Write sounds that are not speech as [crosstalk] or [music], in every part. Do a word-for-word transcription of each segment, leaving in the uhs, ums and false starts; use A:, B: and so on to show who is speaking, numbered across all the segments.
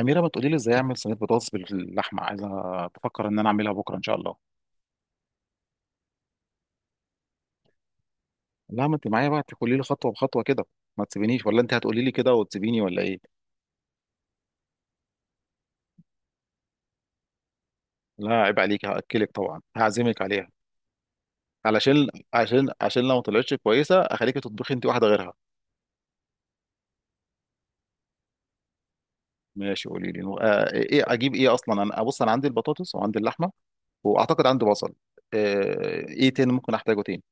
A: اميره، ما تقولي لي ازاي اعمل صينيه بطاطس باللحمه؟ عايزه بفكر ان انا اعملها بكره ان شاء الله. لا، ما انت معايا بقى تقولي لي خطوه بخطوه كده. ما تسيبينيش. ولا انت هتقولي لي كده وتسيبيني ولا ايه؟ لا عيب عليك، هاكلك طبعا، هعزمك عليها. علشان عشان عشان لو ما طلعتش كويسه اخليكي تطبخي انت واحده غيرها. ماشي، قولي لي. آه ايه اجيب ايه اصلا؟ انا بص، انا عندي البطاطس وعندي اللحمه واعتقد عندي بصل. آه، ايه تاني ممكن احتاجه تاني؟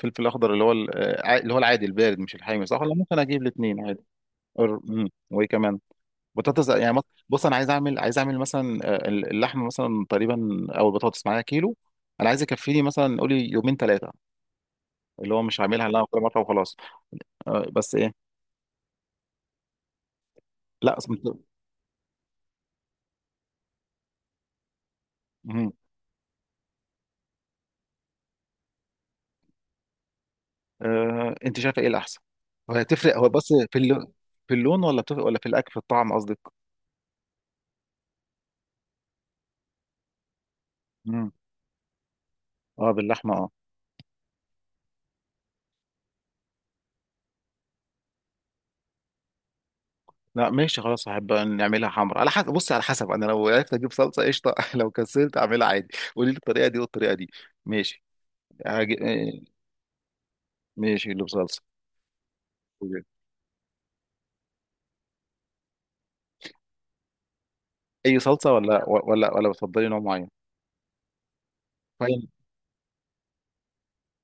A: فلفل اخضر، اللي هو ال- آه، اللي هو العادي البارد، مش الحامي صح؟ ولا ممكن اجيب الاثنين عادي؟ أر- مم. وايه كمان؟ بطاطس يعني مط- بص، انا عايز اعمل عايز اعمل مثلا، آه، اللحم مثلا تقريبا، او البطاطس معايا كيلو. انا عايز يكفيني مثلا، قولي يومين ثلاثه، اللي هو مش هعملها لا كل مره وخلاص. آه، بس ايه؟ لا أصل انت، مهم. آه، انت شايفه ايه الاحسن؟ هو هتفرق؟ هو بس في اللون، في اللون ولا بتفرق؟ ولا في الاكل، في الطعم قصدك؟ مم. اه باللحمه اه. لا ماشي، خلاص هحب نعملها حمرا. على حسب، بص على حسب، انا لو عرفت اجيب صلصه قشطه [laughs] لو كسلت اعملها عادي. قولي لي الطريقه دي والطريقه دي. ماشي. هاجي... آه، ماشي، اللي بصلصه. أوكي. اي صلصه ولا ولا ولا بتفضلي نوع معين؟ فاهم.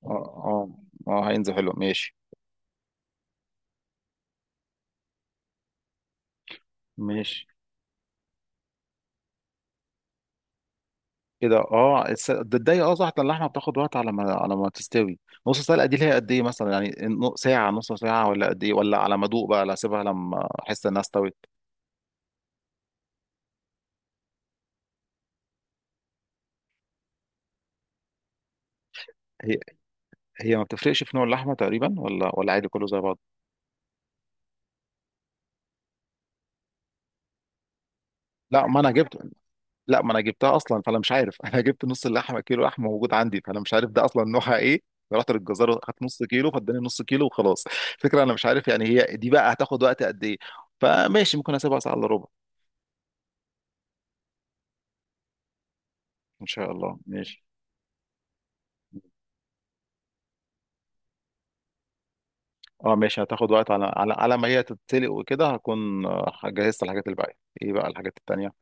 A: اه اه. اه هينزل حلو، ماشي. ماشي كده. اه الس- تتضايق، اه صح، ده اللحمه بتاخد وقت على ما على ما تستوي. نص سلقه دي اللي هي قد ايه مثلا يعني، نو- ساعه، نص ساعه، ولا قد ايه؟ ولا على ما ادوق بقى، لا، اسيبها لما احس انها استوت. هي هي ما بتفرقش في نوع اللحمه تقريبا ولا ولا؟ عادي كله زي بعض؟ لا ما انا جبت، لا ما انا جبتها اصلا فانا مش عارف [laughs] انا جبت نص اللحمه، كيلو لحمه موجود عندي، فانا مش عارف ده اصلا نوعها ايه. رحت للجزار اخدت نص كيلو فاداني نص كيلو وخلاص. الفكره انا مش عارف يعني هي دي بقى هتاخد وقت قد ايه. فماشي، ممكن اسيبها ساعه الا ربع. ان شاء الله. ماشي. اه ماشي، هتاخد وقت على على, على ما هي تتسلق وكده، هكون آه، جهزت الحاجات الباقيه. ايه بقى الحاجات التانيه؟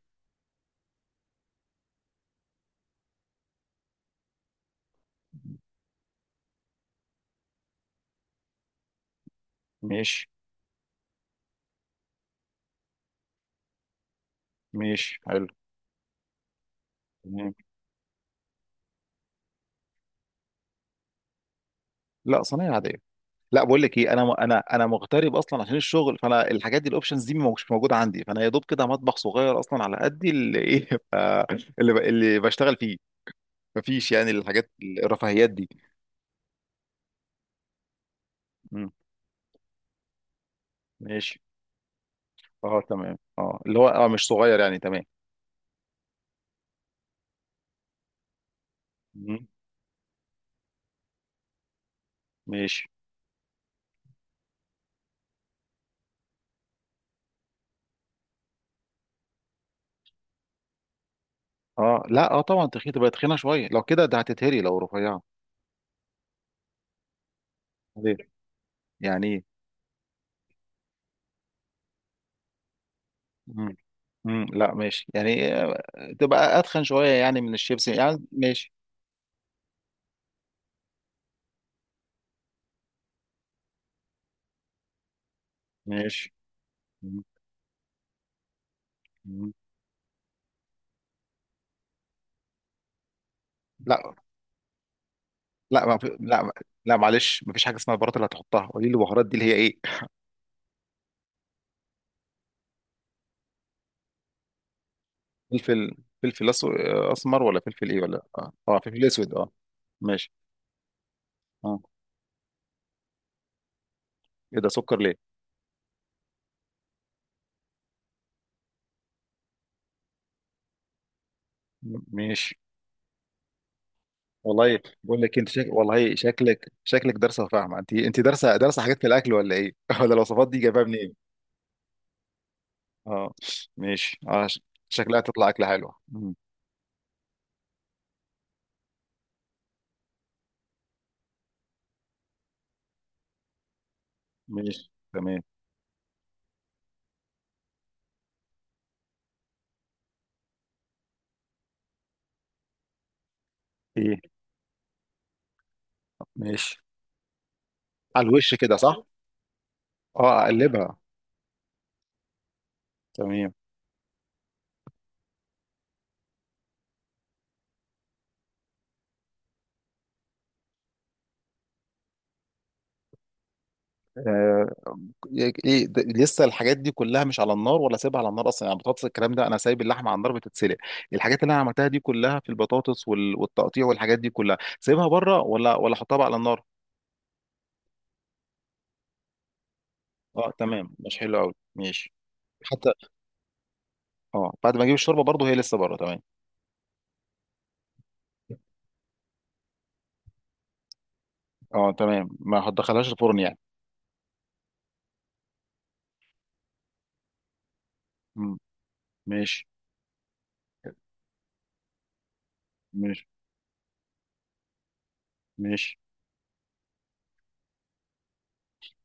A: ماشي. ماشي حلو. تمام. لا صينيه عاديه. لا بقول لك ايه، انا انا انا مغترب اصلا عشان الشغل، فانا الحاجات دي، الاوبشنز دي مش موجوده عندي، فانا يا دوب كده مطبخ صغير اصلا على قدي، اللي ايه [laughs] اللي ب- اللي بشتغل فيه. مفيش يعني الحاجات الرفاهيات دي. مم. ماشي. اه تمام، اه اللي هو اه مش صغير يعني، تمام. مم. ماشي. اه لا اه طبعا تخينه، تبقى تخينه شويه، لو كده ده هتتهري لو رفيعه. ليه؟ يعني ايه؟ مم. مم. لا ماشي يعني، آه، تبقى اتخن شويه يعني من الشيبسي يعني، ماشي. ماشي. مم. مم. لا. لا ما في... لا. لا معلش، مفيش حاجه اسمها البهارات اللي هتحطها، قولي لي البهارات دي اللي هي ايه. فلفل. فلفل أس... اسمر ولا فلفل ايه؟ ولا اه, آه فلفل اسود اه. ماشي. اه. ايه ده، سكر ليه؟ م- ماشي. والله بقول لك انت شك... والله شكلك، شكلك دارسه وفاهمه، انت انت دارسه، دارسه حاجات في الاكل ولا ايه؟ [laughs] ولا الوصفات دي جايبها منين؟ اه ماشي. اه ش- شكلها تطلع اكله حلوه. مم. ماشي تمام. ايه؟ ماشي. على الوش كده صح؟ اه اقلبها. تمام. آه، ايه ده، لسه الحاجات دي كلها مش على النار ولا سايبها على النار اصلا يعني؟ البطاطس، الكلام ده، انا سايب اللحمه على النار بتتسلق، الحاجات اللي انا عملتها دي كلها في البطاطس وال- والتقطيع والحاجات دي كلها سايبها بره ولا ولا احطها بقى على النار؟ اه تمام، مش حلو قوي، ماشي. حتى اه بعد ما اجيب الشوربه برضه هي لسه بره؟ تمام. اه تمام، ما هتدخلهاش الفرن يعني. مم. ماشي. ماشي. ماشي.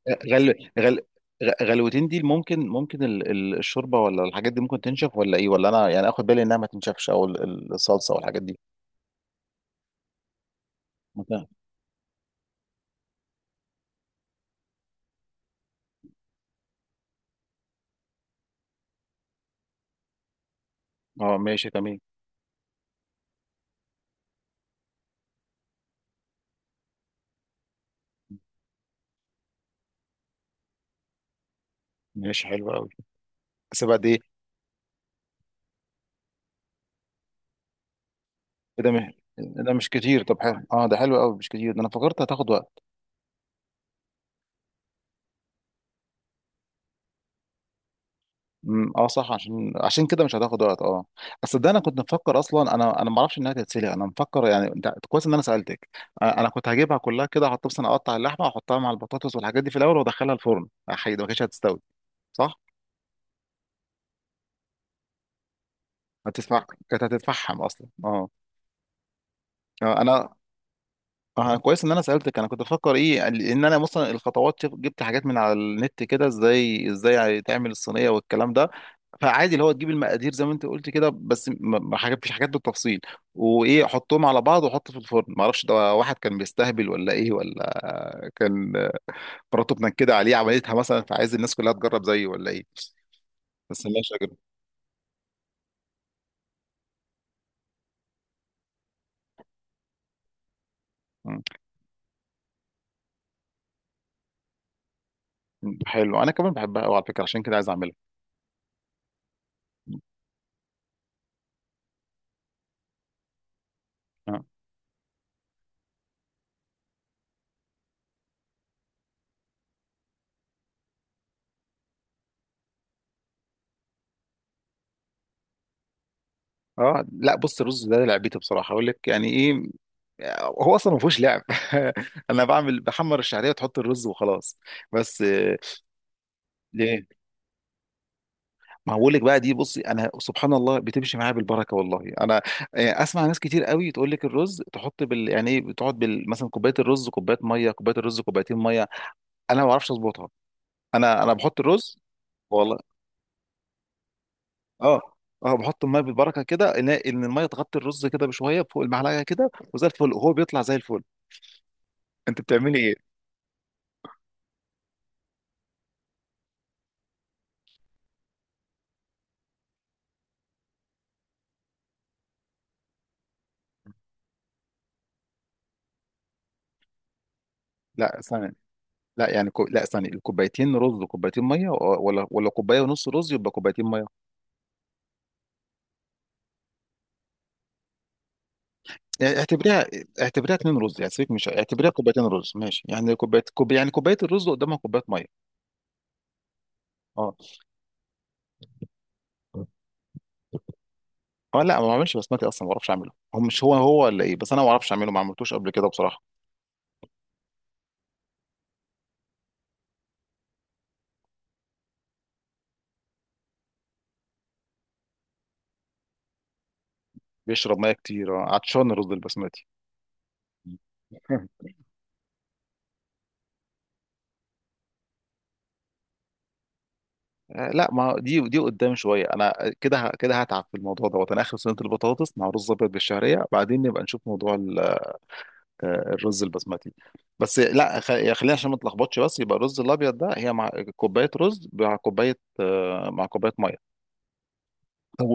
A: آه، غل غل غ- غلوتين دي ممكن ممكن ال- ال- الشوربه ولا الحاجات دي ممكن تنشف ولا ايه؟ ولا انا يعني اخد بالي انها ما تنشفش او ال- ال- الصلصه والحاجات دي؟ اه ماشي تمام. ماشي حلو قوي. بس بعد ايه؟ إيه ده مش إيه ده مش كتير؟ طب حلو، اه ده حلو قوي، مش كتير، ده انا فكرت هتاخد وقت. امم اه صح، عشان عشان كده مش هتاخد وقت اه. بس ده انا كنت مفكر اصلا، انا انا ما اعرفش انها تتسلق، انا مفكر يعني، انت كويس ان انا سالتك. انا أنا كنت هجيبها كلها كده، احط مثلا، اقطع اللحمه واحطها مع البطاطس والحاجات دي في الاول وادخلها الفرن، حقيقي ما كانتش هتستوي. صح؟ هتدفع، كانت هتتفحم اصلا اه. آه، انا، اه كويس ان انا سالتك. انا كنت بفكر ايه، ان انا مثلا الخطوات شف- جبت حاجات من على النت كده ازاي ازاي تعمل الصينيه والكلام ده. فعادي اللي هو تجيب المقادير زي ما انت قلت كده، بس ما ما حاجات، مفيش حاجات بالتفصيل. وايه، حطهم على بعض وحط في الفرن، ما اعرفش ده واحد كان بيستهبل ولا ايه؟ ولا كان آه، مراته بتنكد عليه عملتها مثلا فعايز الناس كلها تجرب زيه ولا ايه؟ بس ماشي يا جدع. مم. حلو، انا كمان بحبها قوي على فكره، عشان كده عايز اعملها. آه. اه لا بص، الرز ده لعبتي بصراحه، اقول لك يعني ايه، هو اصلا ما فيهوش لعب [laughs] انا بعمل، بحمر الشعريه وتحط الرز وخلاص. بس آه، ليه؟ ما هقول لك بقى، دي بصي انا سبحان الله بتمشي معايا بالبركه والله. انا آه، اسمع، ناس كتير قوي تقول لك الرز تحط بال يعني ايه، بتقعد بال مثلا كوبايه الرز كوبايه ميه، كوبايه الرز كوبايتين ميه، انا ما بعرفش اظبطها. انا انا بحط الرز والله. اه. اه بحط الميه بالبركه كده، ان إن الميه تغطي الرز كده بشويه فوق المعلقه كده، وزي الفل وهو بيطلع زي الفل. انت بتعملي ايه؟ لا ثانية. لا يعني كو... لا ثانية، الكوبايتين رز وكوبايتين مية؟ ولا ولا كوباية ونص رز يبقى كوبايتين مية؟ يعني اعتبريها، اعتبريها اتنين رز يعني، سيبك، مش اعتبريها كوبايتين رز ماشي، يعني كوباية كوب... يعني كوباية الرز قدامها كوباية مية. اه. اه لا ما بعملش بسمتي اصلا، ما بعرفش اعمله، هو مش هو هو ولا ايه؟ بس انا ما بعرفش اعمله، ما عملتوش قبل كده بصراحة. بيشرب مية كتير، آه، عطشان الرز البسمتي. [laughs] آه، لا ما دي دي قدام شويه، انا كده ه- كده هتعب في الموضوع دوت. انا اخر صينيه البطاطس مع رز ابيض بالشعريه، بعدين نبقى نشوف موضوع آه، الرز البسمتي. بس لا خ- خلينا عشان ما نتلخبطش. بس يبقى الرز الابيض ده، هي مع كوبايه رز مع كوبايه آه، مع كوبايه ميه. طب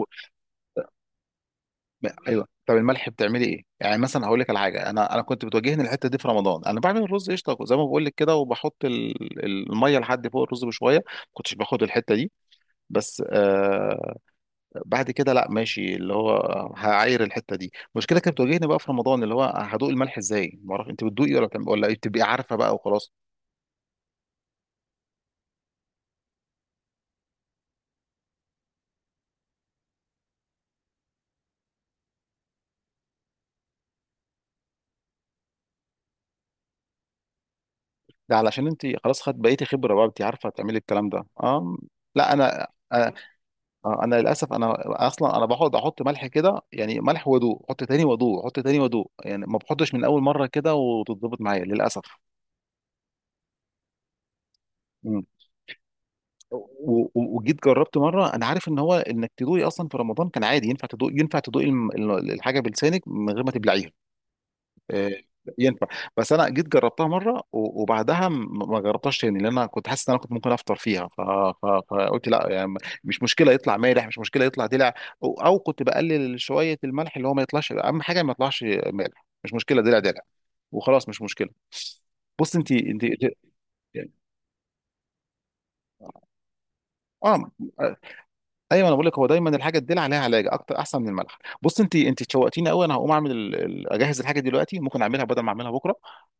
A: ما- ايوه، طب الملح بتعملي ايه يعني؟ مثلا هقول لك على حاجه، انا انا كنت بتواجهني الحته دي في رمضان، انا بعمل الرز قشطه زي ما بقول لك كده، وبحط ال- الميه لحد فوق الرز بشويه، ما كنتش باخد الحته دي. بس آه، بعد كده، لا ماشي اللي هو هعاير الحته دي، المشكله كانت بتواجهني بقى في رمضان اللي هو هدوق الملح ازاي، ما اعرف، انت بتدوقي ولا بتعمل- ولا إيه؟ بتبقي عارفه بقى وخلاص؟ ده علشان انت خلاص خدت بقيتي خبره بقى، انت عارفه تعملي الكلام ده اه. لا انا، انا آه، أنا للاسف انا اصلا انا بقعد احط ملح كده يعني، ملح وضوء، احط تاني وضوء، احط تاني وضوء، يعني ما بحطش من اول مره كده وتتظبط معايا للاسف. مم. و- و- وجيت جربت مره، انا عارف ان هو انك تدوقي اصلا في رمضان كان عادي، ينفع تدوقي، ينفع تدوقي الم- ال- الحاجه بلسانك من غير ما تبلعيها. إيه، ينفع. بس انا جيت جربتها مره و- وبعدها م- ما جربتهاش تاني، لان انا كنت حاسس ان انا كنت ممكن افطر فيها، ف- ف- فقلت لا يعني، مش مشكله يطلع مالح، مش مشكله يطلع دلع، او أو كنت بقلل شويه الملح اللي هو ما يطلعش، اهم حاجه ما يطلعش مالح، مش مشكله دلع، دلع وخلاص، مش مشكله. بص انت انت اه. ايوه انا بقول لك، هو دايما الحاجه تدل عليها، علاج اكتر احسن من الملح. بص انت انت تشوقتيني قوي، انا هقوم اعمل ال... ال- اجهز الحاجه دلوقتي، ممكن اعملها بدل ما اعملها بكره.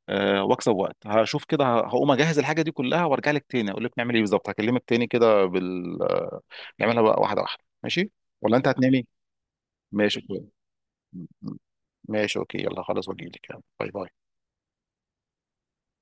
A: أه واكسب وقت، هشوف كده، ه- هقوم اجهز الحاجه دي كلها وارجع لك تاني اقول لك نعمل ايه بالظبط، هكلمك تاني كده بال آه، نعملها بقى واحده واحده ماشي؟ ولا انت هتنامي؟ ماشي كويس. م- م- ماشي اوكي، يلا خلاص واجيلك، يلا باي باي.